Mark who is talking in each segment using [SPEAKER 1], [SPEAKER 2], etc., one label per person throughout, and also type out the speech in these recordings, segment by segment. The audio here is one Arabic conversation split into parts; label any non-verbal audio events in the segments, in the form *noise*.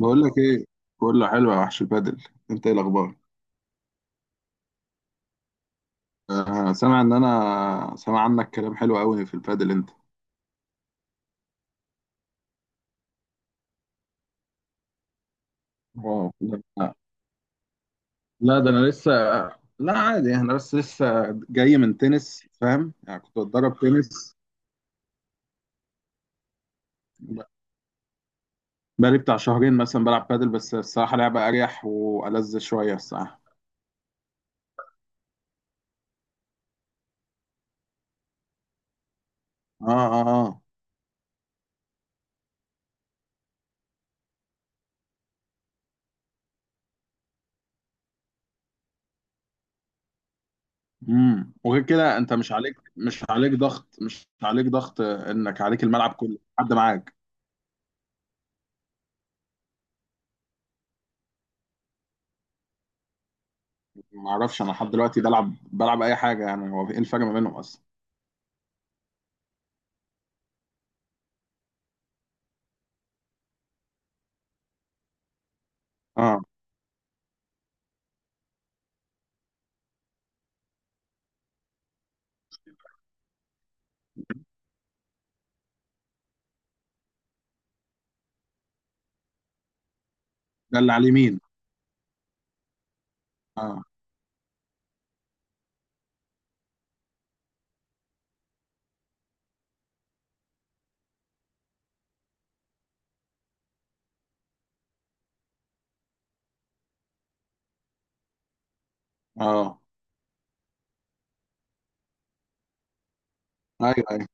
[SPEAKER 1] بقول لك ايه. كله حلو يا وحش البادل. انت ايه الاخبار؟ آه، سامع ان انا سامع عنك كلام حلو قوي في البادل، انت؟ واو، لا. لا، ده انا لسه لا، عادي، انا بس لسه جاي من تنس، فاهم؟ يعني كنت بتدرب تنس. بقالي بتاع شهرين مثلا بلعب بادل، بس الصراحه لعبه اريح والذ شويه الصراحه. اه، اه، اه. وغير كده انت مش عليك ضغط، مش عليك ضغط انك عليك الملعب كله، حد معاك. ما اعرفش، انا لحد دلوقتي بلعب اي حاجه، يعني هو ايه الفرق ما بينهم اصلا؟ اه، ده اللي على اليمين. اه، اه. ايوه، ايوه.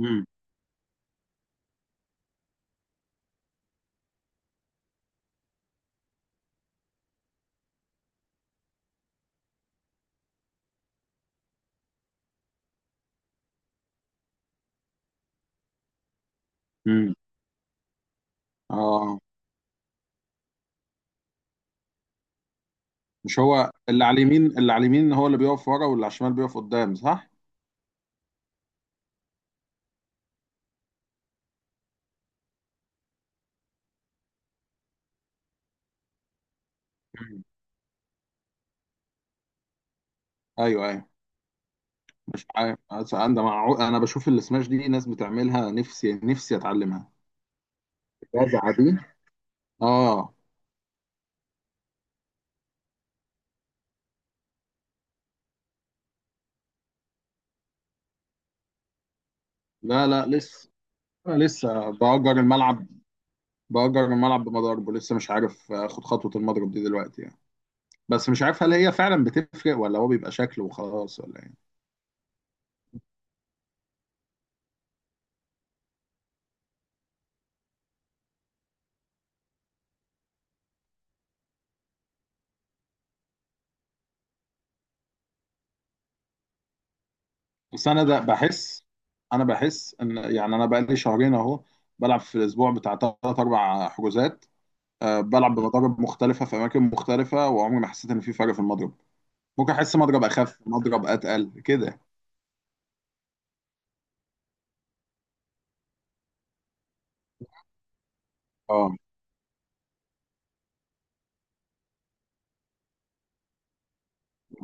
[SPEAKER 1] امم، امم. اه، مش هو اللي على اليمين؟ اللي على اليمين هو اللي بيقف ورا، واللي على الشمال بيقف قدام، صح؟ مم. ايوه، ايوه. مش عارف، أصل انا بشوف السماش دي ناس بتعملها، نفسي نفسي اتعلمها. الرزعه دي. اه. لا، لا، لسه. انا لسه بأجر الملعب. بأجر الملعب بمضاربه، لسه مش عارف اخد خطوه المضرب دي دلوقتي يعني. بس مش عارف، هل هي فعلا بتفرق ولا هو بيبقى شكل وخلاص ولا ايه؟ بس انا بحس ان، يعني انا بقالي شهرين اهو، بلعب في الاسبوع بتاع 3 4 حجوزات. أه، بلعب بمضارب مختلفه في اماكن مختلفه، وعمري ما حسيت ان في فرق في المضرب. ممكن احس مضرب اخف، مضرب اتقل كده. اه،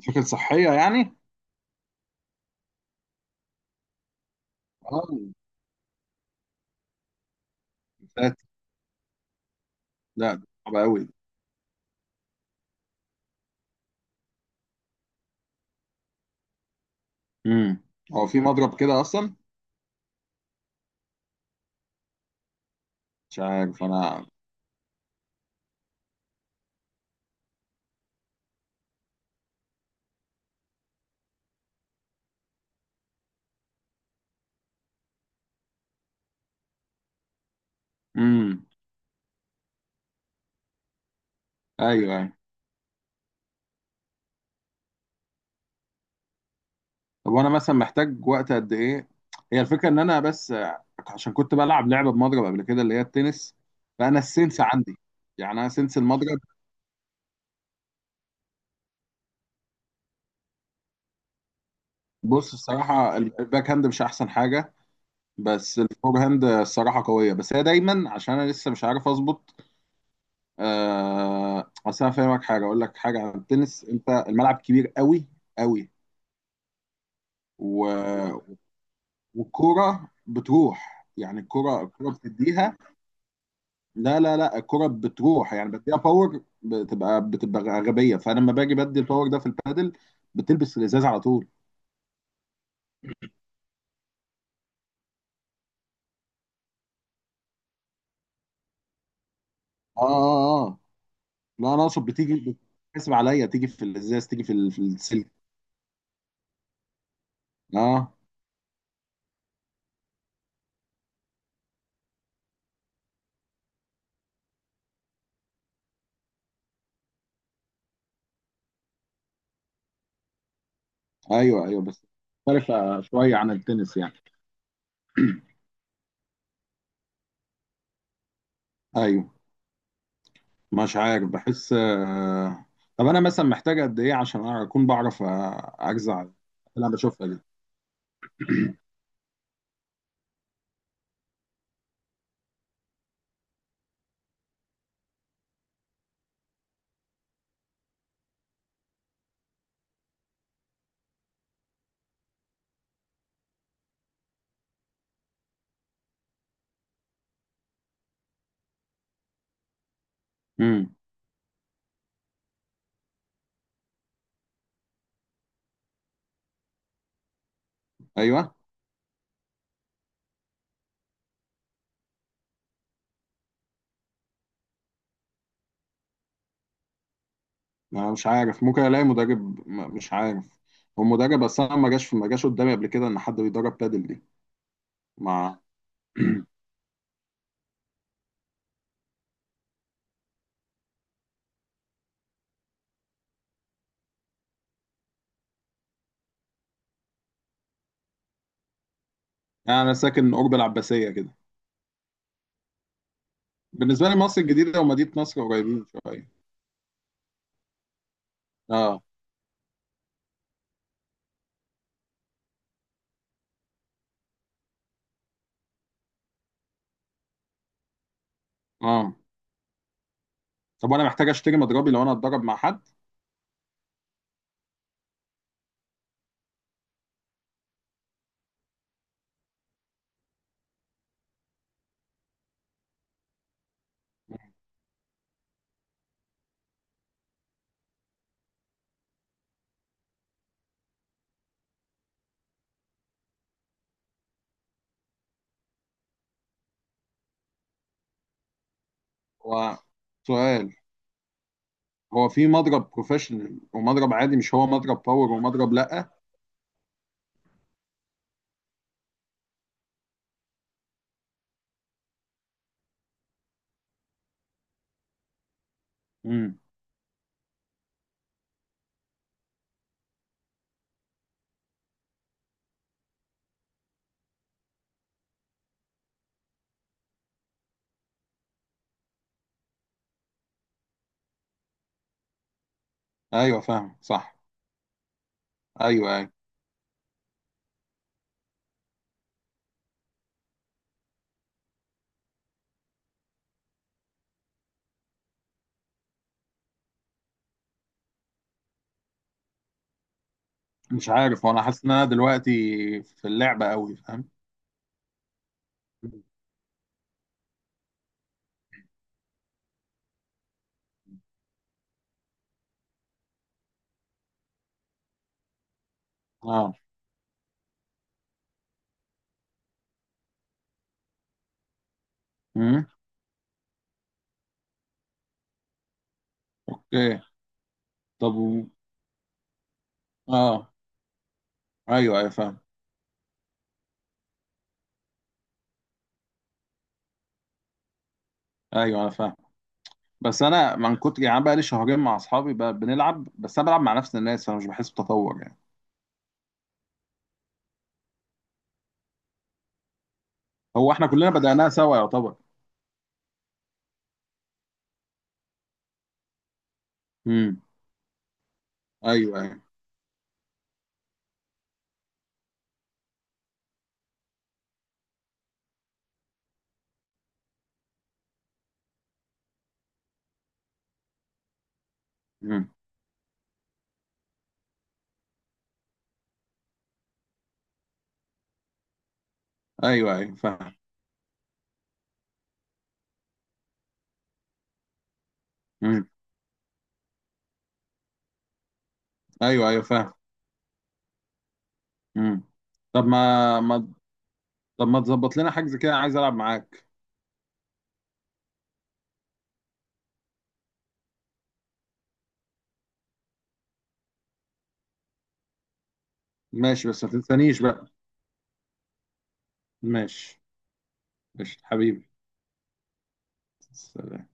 [SPEAKER 1] فكره صحيه يعني. اه، فات. لا، ده صعب قوي. امم. هو في مضرب كده اصلا؟ مش عارف انا. امم. ايوه، أيوة. طب وانا مثلا محتاج وقت قد ايه؟ هي الفكره ان انا بس، عشان كنت بلعب لعبه بمضرب قبل كده، اللي هي التنس. فانا السنس عندي، يعني انا سنس المضرب. بص، الصراحه الباك هاند مش احسن حاجه. بس الفور هاند الصراحه قويه، بس هي دايما عشان انا لسه مش عارف اظبط. آه، اصل انا فاهمك، حاجه اقول لك، حاجه عن التنس، انت الملعب كبير قوي قوي. و... والكوره بتروح، يعني الكوره بتديها. لا، لا، لا، الكرة بتروح، يعني بتلاقيها باور، بتبقى غبية، فأنا لما باجي بدي الباور ده في البادل، بتلبس الإزاز على طول. اه، اه، اه. لا، أنا أقصد بتيجي، بتحسب عليا، تيجي في الإزاز، تيجي في السلك. اه. ايوه، ايوه، بس مختلفة شوية عن التنس يعني. ايوه، مش عارف بحس. طب أنا مثلا محتاج قد إيه عشان أكون بعرف أجزع اللي أنا بشوفها دي. امم. ايوه. انا مش عارف، ممكن الاقي مدرب، مش عارف. هو مدرب، بس انا ما جاش قدامي قبل كده ان حد بيدرب بادل دي. مع *clears throat* انا ساكن قرب العباسيه كده. بالنسبه لي مصر الجديده ومدينه نصر قريبين شويه. اه، اه. طب وانا محتاج اشتري مضربي لو انا اتدرب مع حد؟ وسؤال، هو في مضرب بروفيشنال ومضرب عادي؟ مش هو مضرب باور ومضرب لا؟ امم. ايوه فاهم، صح. ايوه، ايوه. مش عارف، هو انا حاسس ان انا دلوقتي في اللعبه قوي، فاهم؟ اه. امم. اوكي. طب و- اه. ايوه، ايوه، فاهم. ايوه، انا فاهم. بس انا من كتر يعني أنا بقى لي شهرين مع اصحابي بقى بنلعب، بس انا بلعب مع نفس الناس، فانا مش بحس بتطور يعني. هو احنا كلنا بدأناها سوا يعتبر. امم. ايوه، ايوه. امم. ايوه، ايوه، فاهم. امم. ايوه، ايوه، فاهم. امم. طب ما ما طب ما تظبط لنا حجز كده، عايز العب معاك. ماشي، بس ما تنسانيش بقى. ماشي. ماشي حبيبي. سلام.